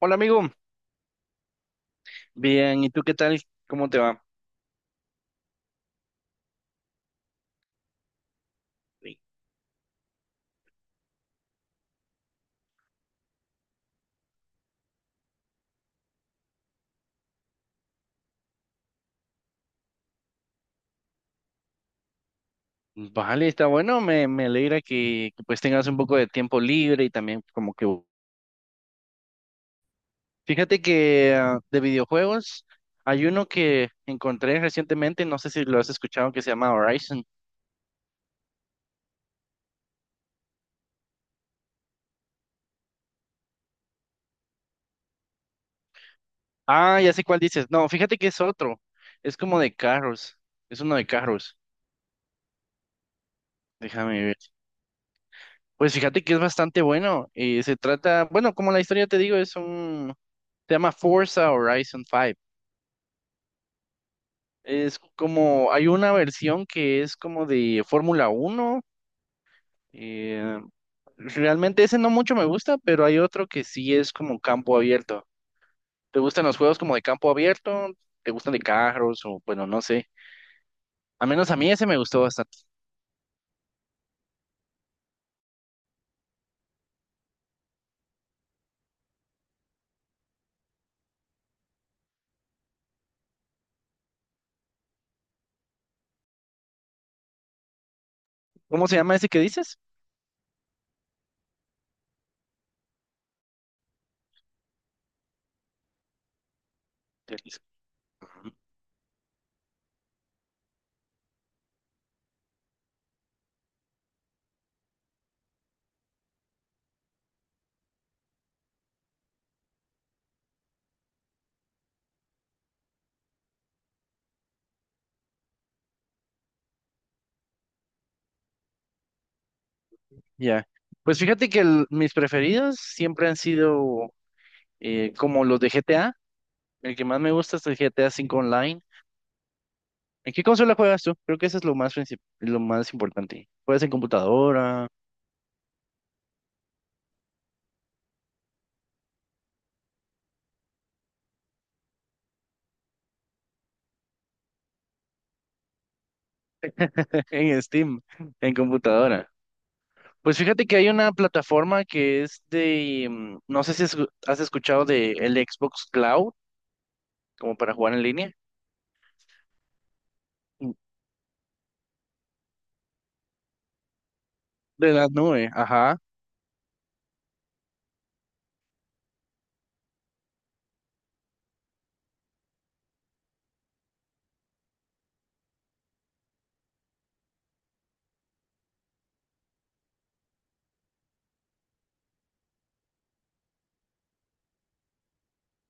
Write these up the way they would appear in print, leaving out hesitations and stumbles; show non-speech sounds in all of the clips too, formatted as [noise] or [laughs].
Hola amigo, bien, ¿y tú qué tal? ¿Cómo te va? Sí. Vale, está bueno, me alegra que, pues tengas un poco de tiempo libre y también como que... Fíjate que de videojuegos hay uno que encontré recientemente, no sé si lo has escuchado, que se llama Horizon. Ah, ya sé cuál dices. No, fíjate que es otro, es como de carros, es uno de carros, déjame ver. Pues fíjate que es bastante bueno y se trata, bueno, como la historia te digo, es un... Se llama Forza Horizon 5. Es como, hay una versión que es como de Fórmula 1 eh, realmente ese no mucho me gusta, pero hay otro que sí es como campo abierto. ¿Te gustan los juegos como de campo abierto? ¿Te gustan de carros? O bueno, no sé. Al menos a mí ese me gustó bastante. ¿Cómo se llama ese que dices? Tenis. Ya. Pues fíjate que mis preferidos siempre han sido como los de GTA. El que más me gusta es el GTA 5 Online. ¿En qué consola juegas tú? Creo que eso es lo más importante. ¿Juegas en computadora? [laughs] En Steam, en computadora. Pues fíjate que hay una plataforma que es de, no sé si has escuchado de el Xbox Cloud, como para jugar en línea. Mm, de la nube, ajá.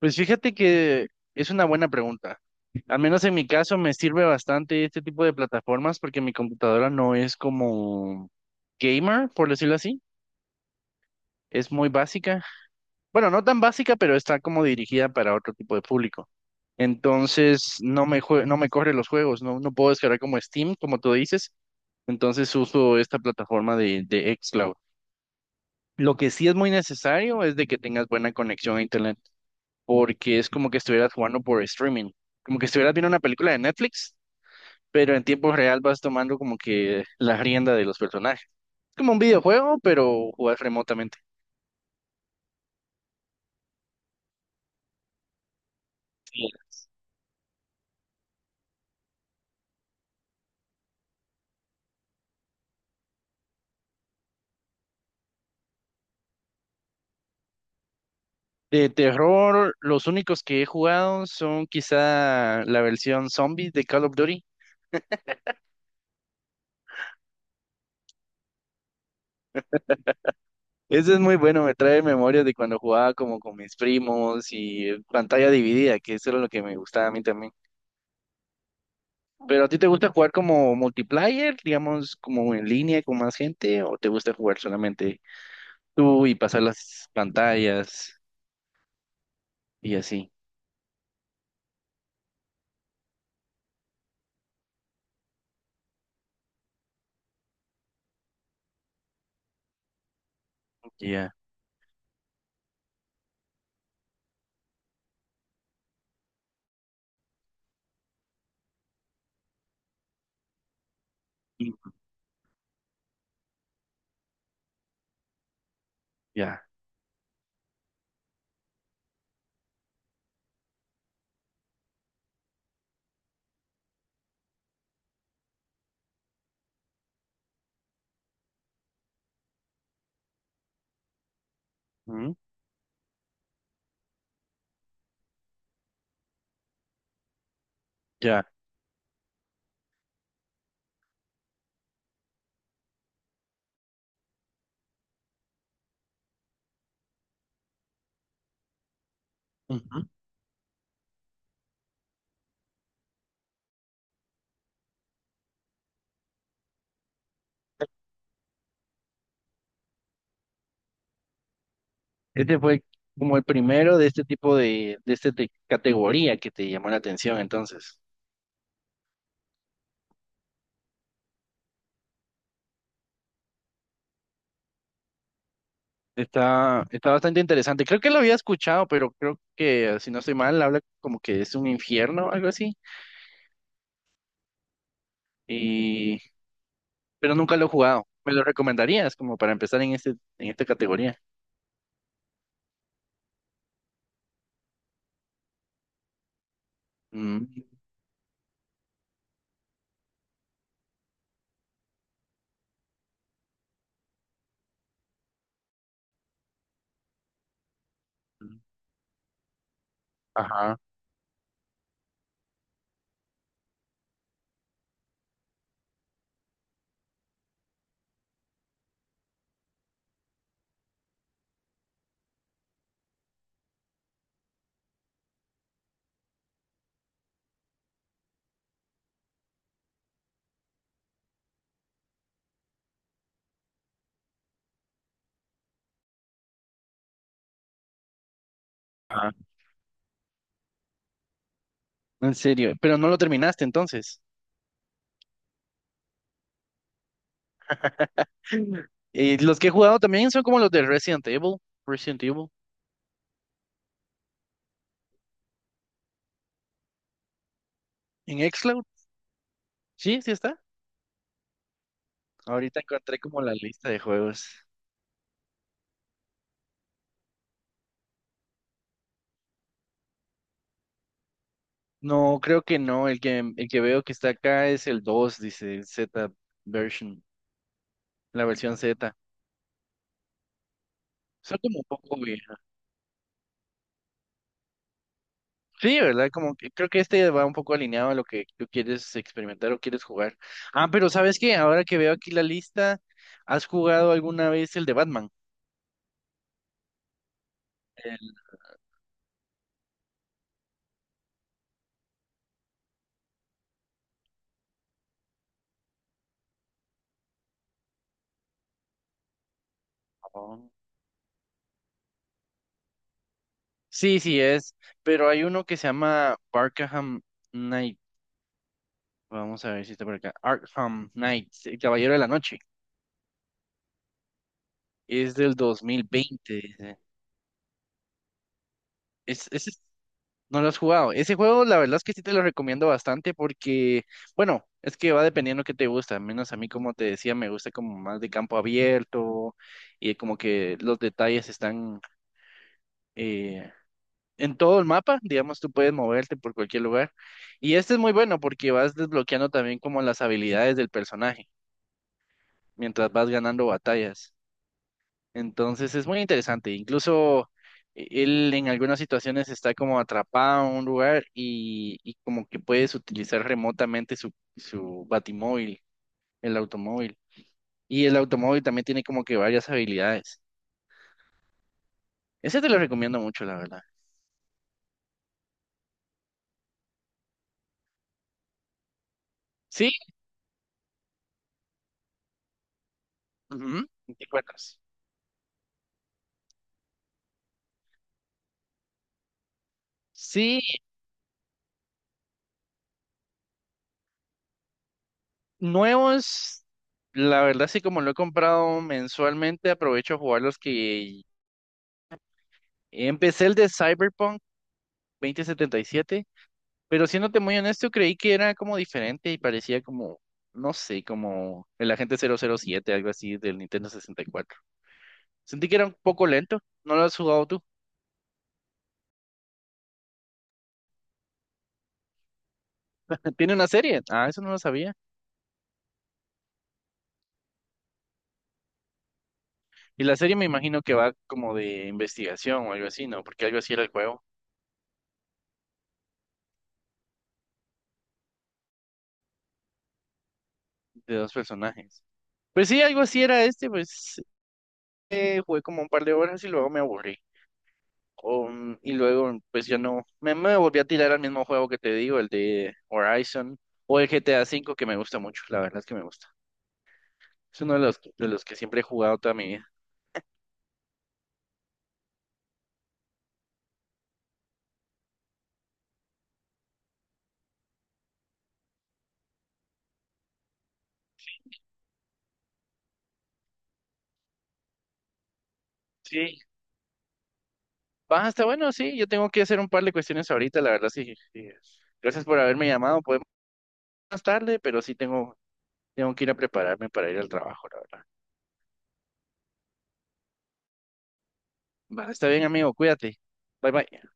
Pues fíjate que es una buena pregunta. Al menos en mi caso me sirve bastante este tipo de plataformas porque mi computadora no es como gamer, por decirlo así. Es muy básica. Bueno, no tan básica, pero está como dirigida para otro tipo de público. Entonces, no me corre los juegos, no puedo descargar como Steam, como tú dices. Entonces, uso esta plataforma de xCloud. Lo que sí es muy necesario es de que tengas buena conexión a Internet, porque es como que estuvieras jugando por streaming, como que estuvieras viendo una película de Netflix, pero en tiempo real vas tomando como que la rienda de los personajes. Es como un videojuego, pero jugar remotamente. De terror, los únicos que he jugado son quizá la versión zombie de Call of Duty. Ese es muy bueno, me trae memorias de cuando jugaba como con mis primos y pantalla dividida, que eso era lo que me gustaba a mí también. ¿Pero a ti te gusta jugar como multiplayer, digamos, como en línea con más gente, o te gusta jugar solamente tú y pasar las pantallas y así? Ya. Mm. Ya. ¿Mm? Ya. Este fue como el primero de este tipo de esta categoría que te llamó la atención, entonces. Está bastante interesante. Creo que lo había escuchado, pero creo que, si no estoy mal, habla como que es un infierno, algo así. Y, pero nunca lo he jugado. ¿Me lo recomendarías como para empezar en esta categoría? Mm. Ajá, ajá. En serio, pero no lo terminaste entonces. [laughs] Y los que he jugado también son como los de Resident Evil, Resident Evil, en xCloud. Sí, sí está. Ahorita encontré como la lista de juegos. No, creo que no. El que veo que está acá es el 2, dice el Z version, la versión Z. Son como un poco vieja. Sí, ¿verdad? Como que creo que este va un poco alineado a lo que tú quieres experimentar o quieres jugar. Ah, pero ¿sabes qué? Ahora que veo aquí la lista, ¿has jugado alguna vez el de Batman? El- oh. Sí, sí es, pero hay uno que se llama Arkham Knight. Vamos a ver si está por acá. Arkham Knight, el Caballero de la Noche. Es del 2020, dice. Es, ese es- no lo has jugado. Ese juego, la verdad es que sí te lo recomiendo bastante porque, bueno, es que va dependiendo qué te gusta. Al menos a mí, como te decía, me gusta como más de campo abierto y como que los detalles están eh, en todo el mapa. Digamos, tú puedes moverte por cualquier lugar. Y este es muy bueno porque vas desbloqueando también como las habilidades del personaje mientras vas ganando batallas. Entonces es muy interesante. Incluso él en algunas situaciones está como atrapado en un lugar y como que puedes utilizar remotamente su batimóvil, el automóvil. Y el automóvil también tiene como que varias habilidades. Ese te lo recomiendo mucho, la verdad. Sí, ujú. ¿Te acuerdas? Sí, nuevos, la verdad sí, como lo he comprado mensualmente, aprovecho a jugar los que empecé el de Cyberpunk 2077. Pero siéndote muy honesto, creí que era como diferente y parecía como, no sé, como el agente 007 algo así del Nintendo 64. Sentí que era un poco lento. ¿No lo has jugado tú? [laughs] Tiene una serie. Ah, eso no lo sabía. Y la serie me imagino que va como de investigación o algo así, ¿no? Porque algo así era el juego de dos personajes. Pues sí, algo así era este, pues jugué como un par de horas y luego me aburrí. Y luego, pues yo no, me volví a tirar al mismo juego que te digo, el de Horizon o el GTA 5 que me gusta mucho, la verdad es que me gusta. Es uno de los que siempre he jugado toda mi vida. Sí, va, está bueno, sí, yo tengo que hacer un par de cuestiones ahorita, la verdad, sí. Sí. Gracias por haberme llamado, podemos más tarde, pero sí tengo, que ir a prepararme para ir al trabajo, la verdad. Va, está bien, amigo, cuídate. Bye, bye.